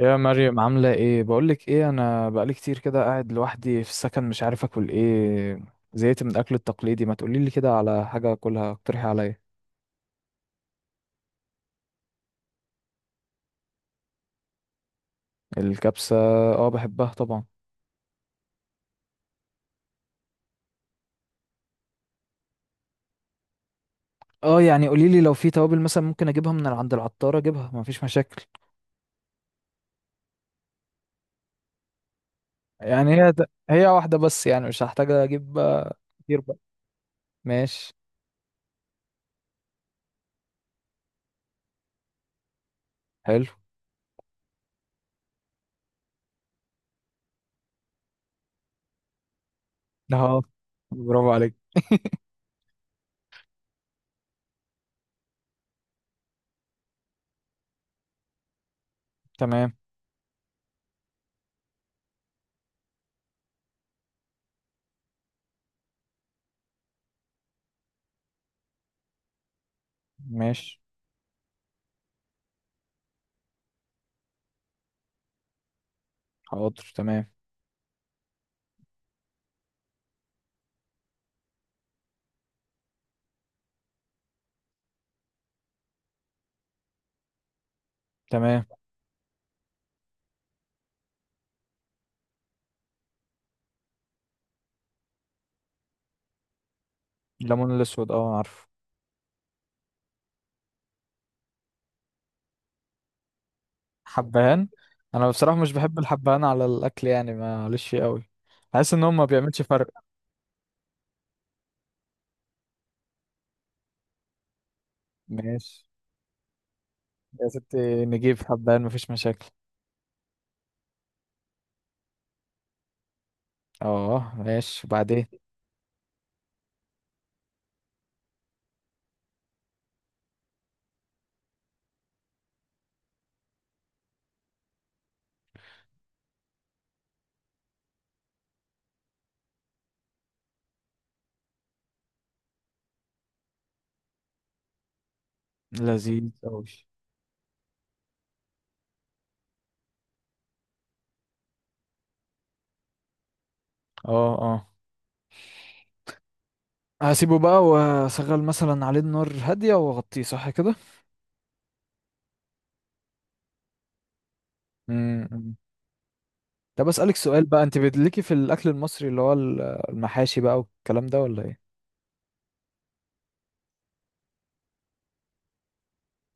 يا مريم، عاملة ايه؟ بقولك ايه، انا بقالي كتير كده قاعد لوحدي في السكن، مش عارف اكل ايه. زهقت من الاكل التقليدي. ما تقوليلي كده على حاجة اكلها، اقترحي عليا. الكبسة؟ اه بحبها طبعا. اه قوليلي لو في توابل مثلا ممكن اجيبها من عند العطارة، اجيبها، مفيش مشاكل. يعني هي واحدة بس؟ يعني مش هحتاج اجيب. كتير بقى. ماشي. حلو. اه. برافو عليك. تمام. ماشي. حاضر. تمام. تمام. الليمون الاسود، اه عارفه. حبهان؟ انا بصراحه مش بحب الحبهان على الاكل، يعني معلش فيه قوي. بحس ان هو ما بيعملش فرق. ماشي، يا ستي نجيب حبهان، مفيش مشاكل. اه ماشي، وبعدين؟ لذيذ قوي. اه اه. هسيبه بقى واشغل مثلا عليه النار هاديه واغطيه، صح كده؟ امم. طب اسالك سؤال بقى، انت بتليكي في الاكل المصري اللي هو المحاشي بقى والكلام ده ولا ايه؟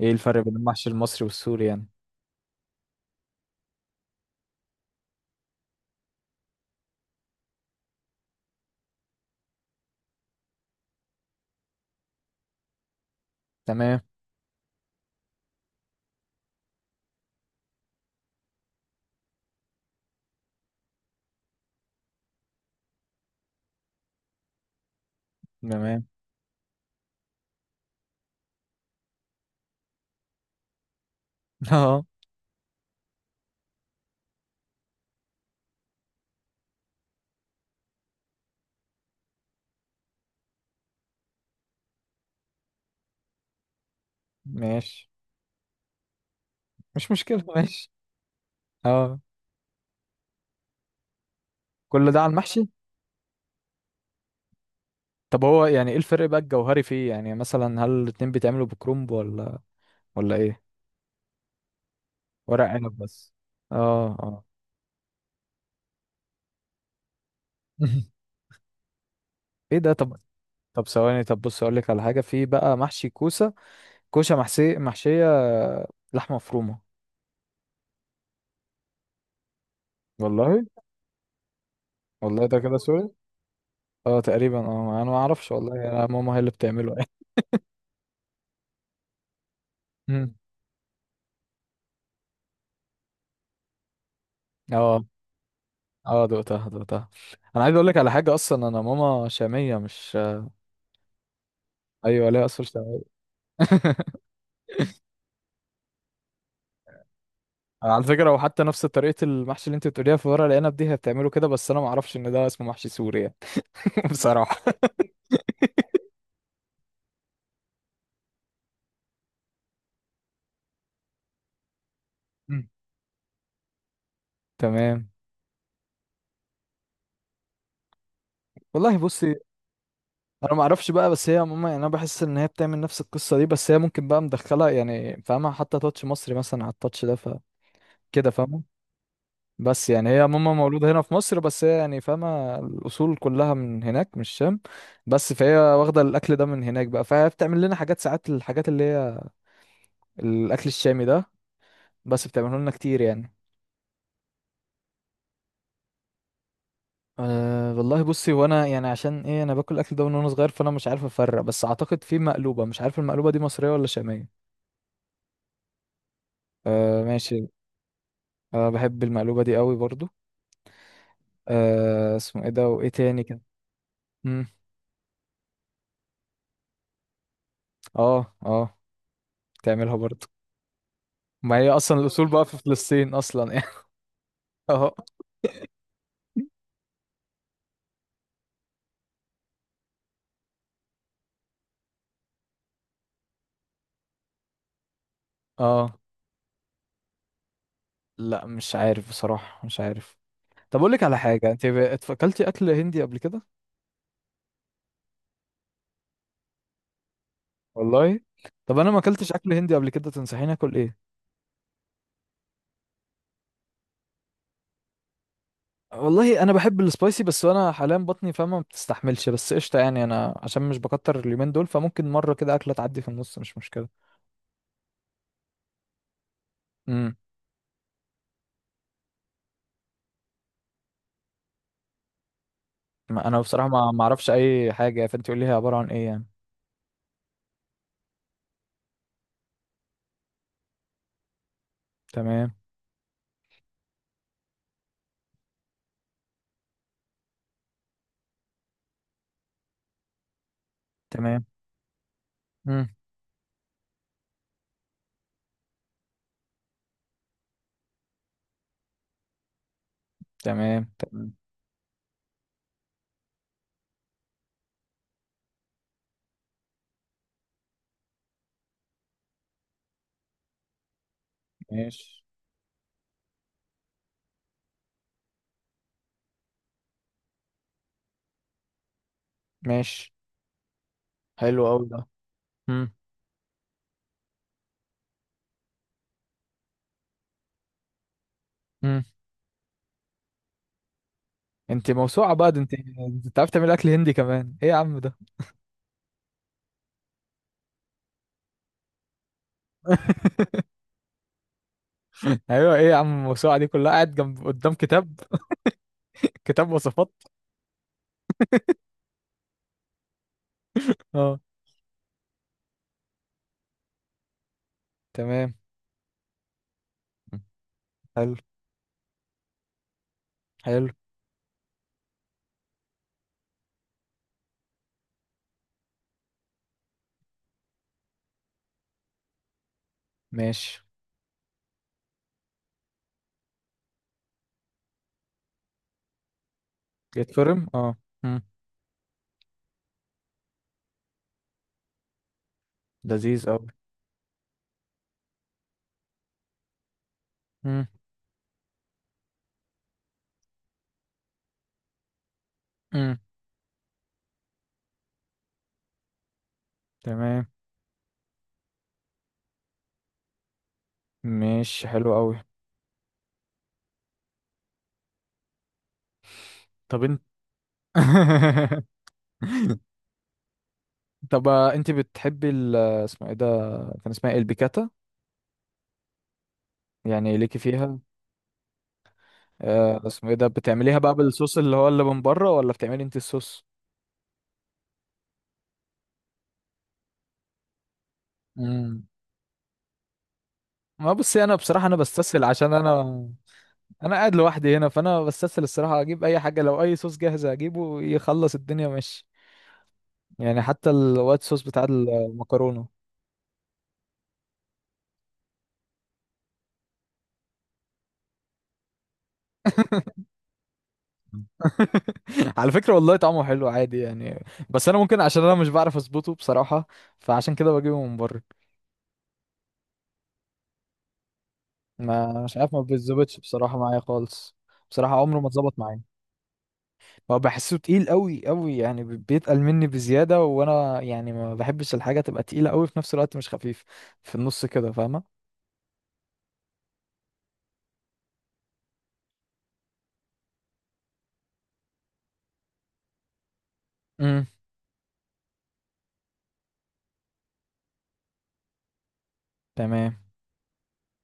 ايه الفرق بين المحشي المصري والسوري يعني؟ تمام. تمام. اه ماشي. مش مشكله ماشي. اه. كل ده على المحشي؟ طب هو يعني ايه الفرق بقى الجوهري فيه؟ يعني مثلا هل الاتنين بيتعملوا بكرنب ولا ولا ايه؟ ورق عنب بس. اه اه. ايه ده؟ طب، طب ثواني، طب بص اقول لك على حاجه، في بقى محشي كوسه، كوسه محشي، محشيه لحمه مفرومه. والله. والله ده كده سوري. اه تقريبا، اه انا ما اعرفش والله، يعني انا ماما هي اللي بتعمله. مم. اه اه، دقتها دقتها. انا عايز اقول لك على حاجه، اصلا انا ماما شاميه مش. ايوه، ليها اصل شاميه. انا على فكره، وحتى نفس طريقه المحشي اللي انت بتقوليها في ورق العنب دي، هي بتعمله كده، بس انا ما اعرفش ان ده اسمه محشي سوري يعني. بصراحه. مم. تمام. والله بصي، انا ما اعرفش بقى، بس هي ماما، يعني انا بحس ان هي بتعمل نفس القصه دي، بس هي ممكن بقى مدخله، يعني فاهمه، حتى تاتش مصري مثلا على التاتش ده، فكده. فاهمه. بس يعني هي ماما مولوده هنا في مصر، بس هي يعني فاهمه الاصول كلها من هناك من الشام. بس فهي واخده الاكل ده من هناك بقى، فهي بتعمل لنا حاجات ساعات، الحاجات اللي هي الاكل الشامي ده. بس بتعمله لنا كتير يعني. أه والله بصي، وانا يعني عشان ايه، انا باكل الاكل ده من وانا صغير، فانا مش عارف افرق. بس اعتقد في مقلوبه، مش عارف المقلوبه دي مصريه ولا شاميه؟ أه ماشي. أه بحب المقلوبه دي قوي برضو. أه اسمه ايه ده، وايه تاني كده؟ امم. اه اه. بتعملها برضو. ما هي اصلا الاصول بقى في فلسطين اصلا يعني. اه اه. لا مش عارف بصراحه، مش عارف. طب اقول لك على حاجه، اكلتي اكل هندي قبل كده؟ والله. طب انا ما اكلتش اكل هندي قبل كده، تنصحيني اكل ايه؟ والله انا بحب السبايسي، بس انا حاليا بطني فاهمه ما بتستحملش، بس قشطه، يعني انا عشان مش بكتر اليومين دول، فممكن مره كده اكله تعدي في النص، مش مشكله. امم. ما انا بصراحه ما اعرفش اي حاجه، فانت قولي لي هي عباره عن ايه يعني؟ تمام. تمام. امم. تمام. تمام. ماشي. ماشي. حلو قوي ده. امم. امم. انت موسوعه بقى ده انت. انت عارف تعمل اكل هندي كمان؟ ايه يا عم ده؟ ايوه، ايه يا عم الموسوعه دي كلها، قاعد جنب قدام كتاب؟ كتاب وصفات. اه. تمام. حلو. حلو. ماشي. يتفرم اه. مم. لذيذ قوي. مم. مم. تمام. ماشي. حلو قوي. طب انت. طب، انت بتحبي ال، اسمه ايه ده؟ كان اسمها إيه؟ البيكاتا. يعني ليكي فيها. اسمه ايه ده، بتعمليها بقى بالصوص اللي هو اللي من بره، ولا بتعملي انت الصوص؟ امم. ما بصي انا بصراحه انا بستسهل، عشان انا، انا قاعد لوحدي هنا، فانا بستسهل الصراحه اجيب اي حاجه، لو اي صوص جاهز اجيبه يخلص الدنيا ماشي. يعني حتى الوايت صوص بتاع المكرونه. على فكرة والله طعمه حلو عادي يعني، بس انا ممكن عشان انا مش بعرف اظبطه بصراحة، فعشان كده بجيبه من بره. ما مش عارف، ما بيتظبطش بصراحة معايا خالص. بصراحة عمره ما اتظبط معايا. ما بحسه تقيل قوي قوي يعني، بيتقل مني بزيادة، وانا يعني ما بحبش الحاجة تبقى تقيلة قوي، في نفس الوقت مش خفيف، في النص كده، فاهمة؟ امم. تمام.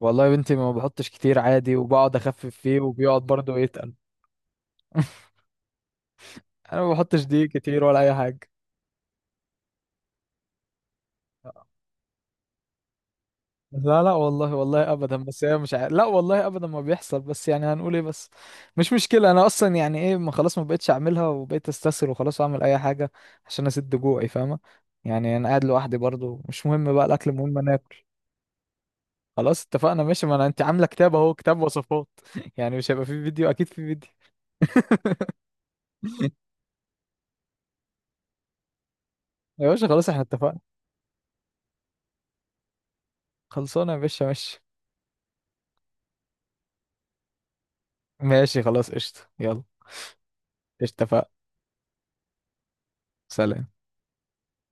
والله يا بنتي ما بحطش كتير عادي، وبقعد اخفف فيه، وبيقعد برضه يتقل. انا ما بحطش دي كتير ولا اي حاجة. لا لا والله، والله ابدا، بس هي مش عارف، لا والله ابدا ما بيحصل، بس يعني هنقول ايه بس. مش مشكله، انا اصلا يعني ايه، ما خلاص ما بقتش اعملها وبقيت استسهل، وخلاص اعمل اي حاجه عشان اسد جوعي، فاهمه؟ يعني انا قاعد لوحدي برضو، مش مهم بقى الاكل، المهم انا اكل. خلاص اتفقنا، ماشي، ما انا انت عامله كتاب، اهو كتاب وصفات. يعني مش هيبقى فيه فيديو؟ اكيد فيه فيديو. يا باشا خلاص احنا اتفقنا. خلصانه يا باشا، ماشي. ماشي خلاص، قشطه، يلا. قشطة، اتفقنا. سلام.